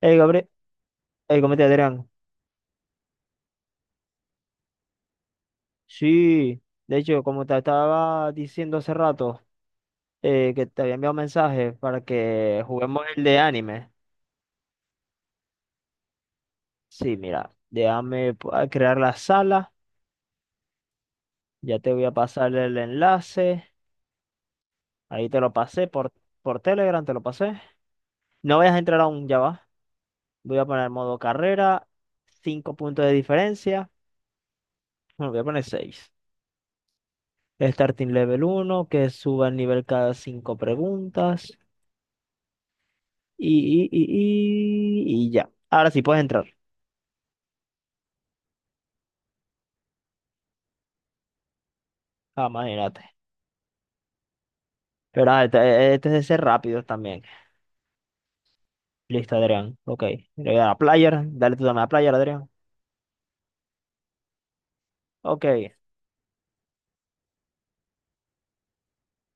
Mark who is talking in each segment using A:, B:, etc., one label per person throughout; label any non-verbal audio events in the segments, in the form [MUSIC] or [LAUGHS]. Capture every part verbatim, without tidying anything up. A: Hey, Gabriel, hey, ¿cómo te Adrián? Sí, de hecho, como te estaba diciendo hace rato, eh, que te había enviado un mensaje para que juguemos el de anime. Sí, mira, déjame pu- a crear la sala, ya te voy a pasar el enlace, ahí te lo pasé por, por Telegram, te lo pasé. No vayas a entrar aún, ya va. Voy a poner modo carrera, Cinco puntos de diferencia, bueno, voy a poner seis. Starting level uno, que suba el nivel cada cinco preguntas. y, y, y, y y ya. Ahora sí puedes entrar. Ah, imagínate. Pero ah, este, este es de ser rápidos también. Listo, Adrián. Ok. Le voy a dar a player. Dale tú también a player, Adrián. Ok.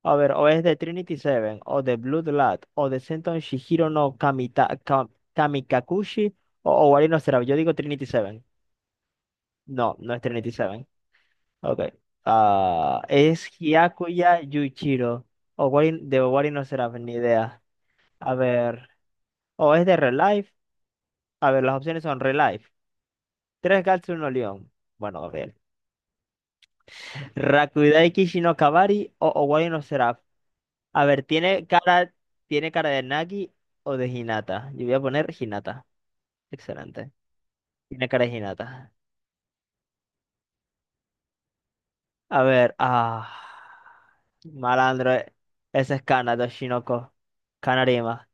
A: A ver, o es de Trinity Seven, o de Blood Lad, o de Senton Shihiro no Kamita, Ka- Kamikakushi, o Owari no Seraph. Yo digo Trinity Seven. No, no es Trinity Seven. Ok. Ah, es Hyakuya Yuichiro. O de Owari no Seraph, ni idea. A ver. O es de Relive. A ver, las opciones son Relife, Tres Gats, Uno León. Bueno, Gabriel. Rakudai Kishi no Kabari o Owari no Seraph. A ver, ¿tiene cara, tiene cara de Nagi o de Hinata? Yo voy a poner Hinata. Excelente. Tiene cara de Hinata. A ver, ah. Malandro, eh. ese es Kana, Doshinoko, Kanarima.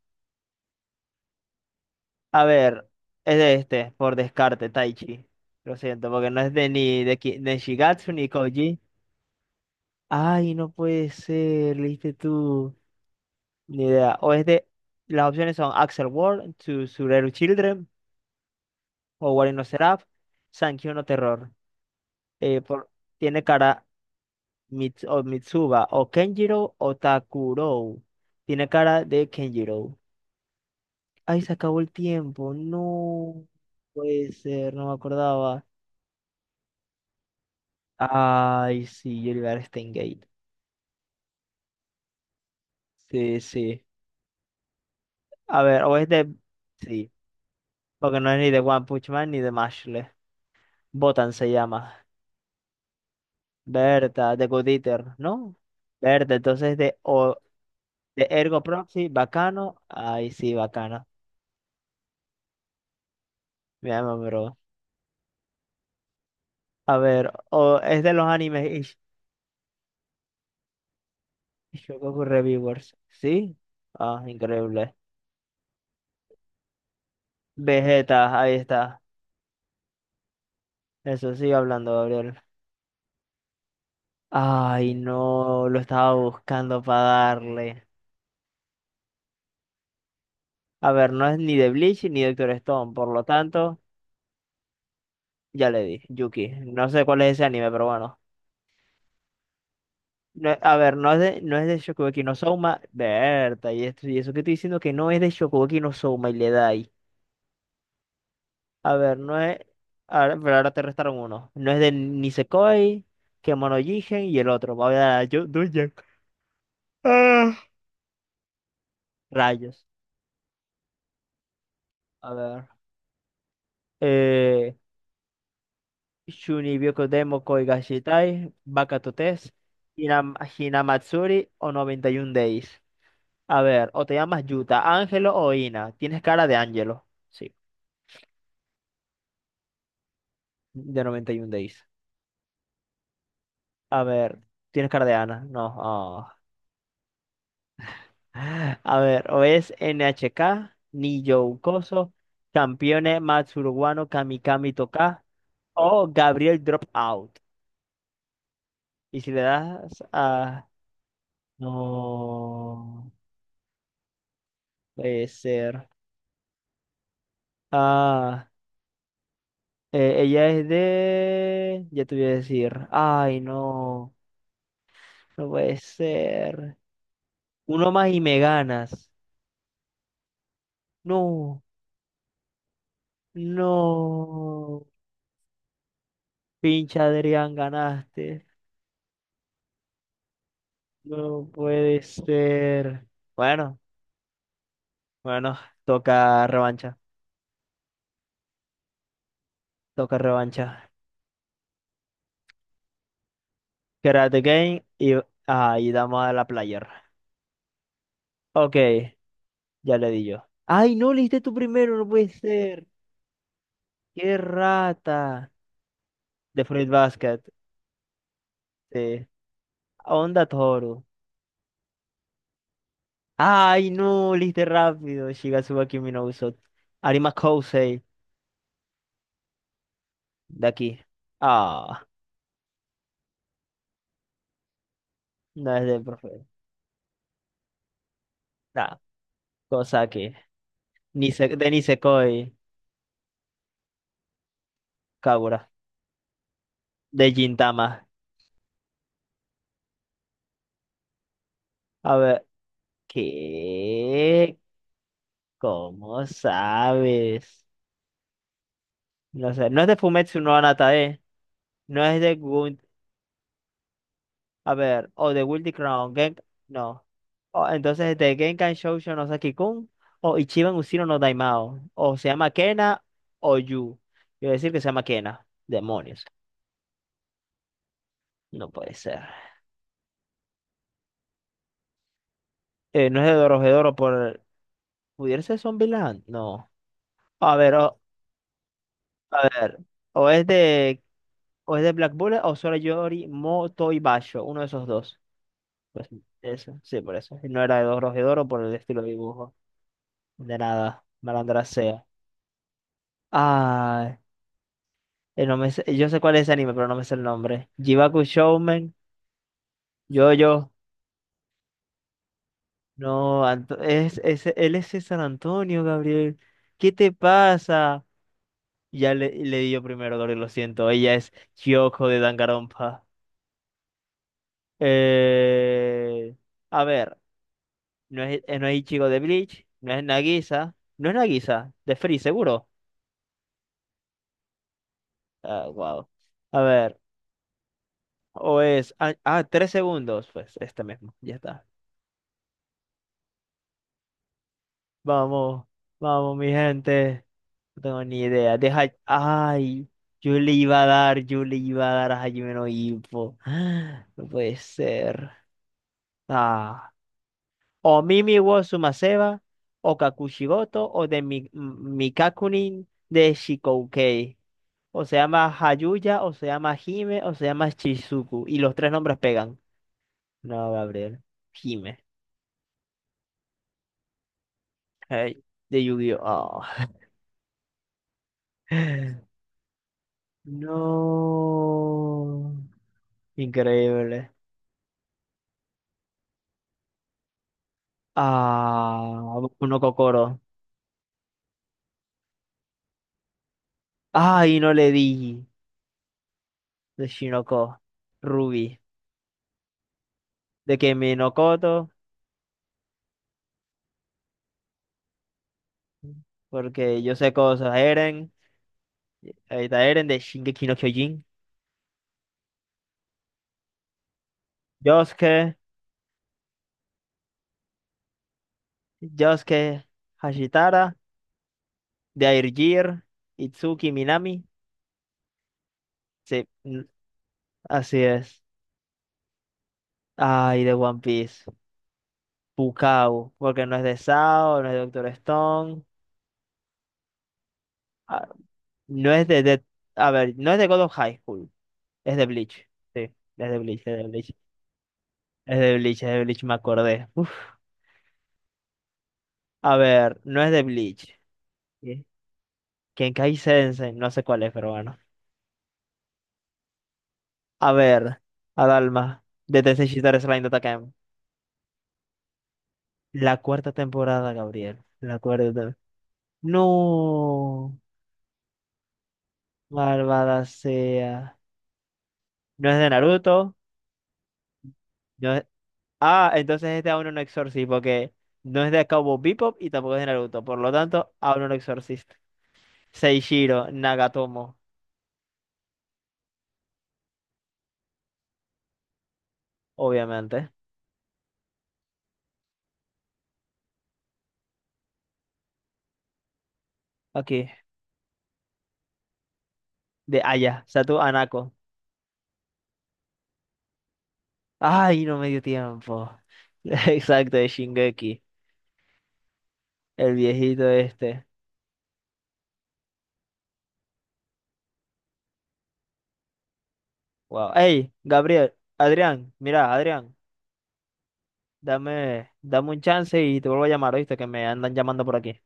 A: A ver, es de este, por descarte, Taichi. Lo siento, porque no es de ni de, Ki- de Shigatsu ni Koji. Ay, no puede ser, leíste tú. Ni idea. O es de. Las opciones son Axel World, To Tsureru Children, o Wari no Seraph, Sankyo no Terror. Eh, por, Tiene cara Mits- o Mitsuba, o Kenjiro, o Takuro. Tiene cara de Kenjiro. Ay, se acabó el tiempo. No puede ser, no me acordaba. Ay, sí, yo le iba a dar Steingate. Sí, sí. A ver, o es de. Sí, porque no es ni de One Punch Man ni de Mashle. Botan se llama. Berta, de Goodieater, ¿no? Berta, entonces de, o, de Ergo Proxy, bacano. Ay, sí, bacano. Me llama, bro. A ver, o es de los animes. [LAUGHS] Ish, Shogoku Reviewers. ¿Sí? Ah, increíble. Vegeta, ahí está. Eso sigue hablando, Gabriel. Ay, no, lo estaba buscando para darle. A ver, no es ni de Bleach ni de Doctor Stone, por lo tanto, ya le di. Yuki. No sé cuál es ese anime, pero bueno. No, a ver, no es de, no es de Shokugeki no Souma, Berta, y esto y eso que estoy diciendo que no es de Shokugeki no Souma y le da ahí. A ver, no es. Ahora, pero ahora te restaron uno. No es de Nisekoi, Kemono Jigen y el otro. Voy a dar a Yo- Doujin. Ah. Rayos. A ver. Eh, Shuni Byokodemo Koi Gashitai, Bakato Test, Hinam- Hinamatsuri o noventa y uno Days. A ver, o te llamas Yuta, Ángelo o Ina. Tienes cara de Ángelo. Sí, de noventa y uno Days. A ver, tienes cardeana. No. ah. A ver, o es N H K, Niyo Ukoso, Campione Matsuruguano, Kamikami Toka o Gabriel Dropout. Y si le das a... No, puede ser. Ah, eh, ella es de... Ya te voy a decir. Ay, no, no puede ser. Uno más y me ganas. No, no. Pinche Adrián, ganaste. No puede ser. Bueno, bueno, toca revancha, toca revancha. Karate Game y ahí damos a la player. Ok, ya le di yo. Ay, no, le diste tú primero, no puede ser. Qué rata. De Fruit Basket. Sí. Onda Toro. Ay, no, le diste rápido. Shigatsuba Kimi no Uso. Arima Kousei, de aquí. Ah, no es del profe. Nah, cosa que. Nise, de Nisekoi. de Gintama. A ver, ¿qué? ¿Cómo sabes? No sé, no es de Fumetsu no Anatae, no es de Gun, a ver, o de Guilty Crown, Gen- no. O, entonces es de Genkan Shoujo no Saki-kun o Ichiban Ushiro no Daimao, o se llama Kena o Yu. Quiero decir que se llama Kena. Demonios, no puede ser. Eh, no es de Dorohedoro por. ¿Pudiera ser Zombieland? No. A ver, o, a ver, o es de. O es de Black Bullet o Sorayori Motoibashi, uno de esos dos. Pues eso, sí, por eso. Y No era de Dos de Oro por el estilo de dibujo. De nada, malandra sea. Ah, eh, no me sé- Yo sé cuál es ese anime, pero no me sé el nombre. Jibaku Shounen, yo. No, Anto- es, es, él es de San Antonio, Gabriel. ¿Qué te pasa? Ya le, le di yo primero, Gabriel, lo siento. Ella es Kyoko de Danganronpa. Eh, a ver. No es, eh, no es Ichigo de Bleach, no es Nagisa, no es Nagisa, de Free, seguro. Ah, wow. A ver, o es. Ah, ah, tres segundos, pues este mismo, ya está. Vamos, vamos, mi gente. No tengo ni idea. Deja. Ay, yo le iba a dar, yo le iba a dar a Hajime no Ippo. [GASPS] Ah, No puede ser. Ah, o Mimi wo Sumaseba, o Kakushigoto, o de Mi- M- Mikakunin de Shikoukei. O se llama Hayuya, o se llama Hime, o se llama Chizuku. Y los tres nombres pegan. No, Gabriel. Hime. Ay, de Yu-Gi-Oh! [GASPS] Ah. No. Increíble. Ah, uno Kokoro. Ay, no le di. De Shinoko. Ruby. De Kimi no Koto. Porque yo sé cosas. Eren. Ahí está Eren de Shingeki no Kyojin. Yosuke. Yosuke. Hashitara. De Airgear, Itsuki, Minami. Sí, mm, así es. Ay, de One Piece. Pukao, porque no es de Sao, no es de Doctor Stone, ah, no es de, de- a ver, no es de God of High School, es de Bleach. Sí, es de Bleach, es de Bleach. Es de Bleach, es de Bleach, me acordé. Uf. A ver, no es de Bleach. ¿sí? Kenkai Sensei, no sé cuál es, pero bueno. A ver, Adalma, de Tensei Shitara Slime Dottakemi. La cuarta temporada, Gabriel. La cuarta temporada. No. Malvada sea. No es de Naruto. No es... Ah, entonces este aún no Exorcist, porque no es de Cowboy Bebop y tampoco es de Naruto. Por lo tanto, aún no Exorcist. Seishiro Nagatomo, obviamente. Aquí, de Aya, Satu Anako. Ay, no me dio tiempo. [LAUGHS] Exacto, de Shingeki, el viejito este. Wow. Hey, Gabriel, Adrián, mira, Adrián, dame, dame un chance y te vuelvo a llamar, ¿oíste? Que me andan llamando por aquí.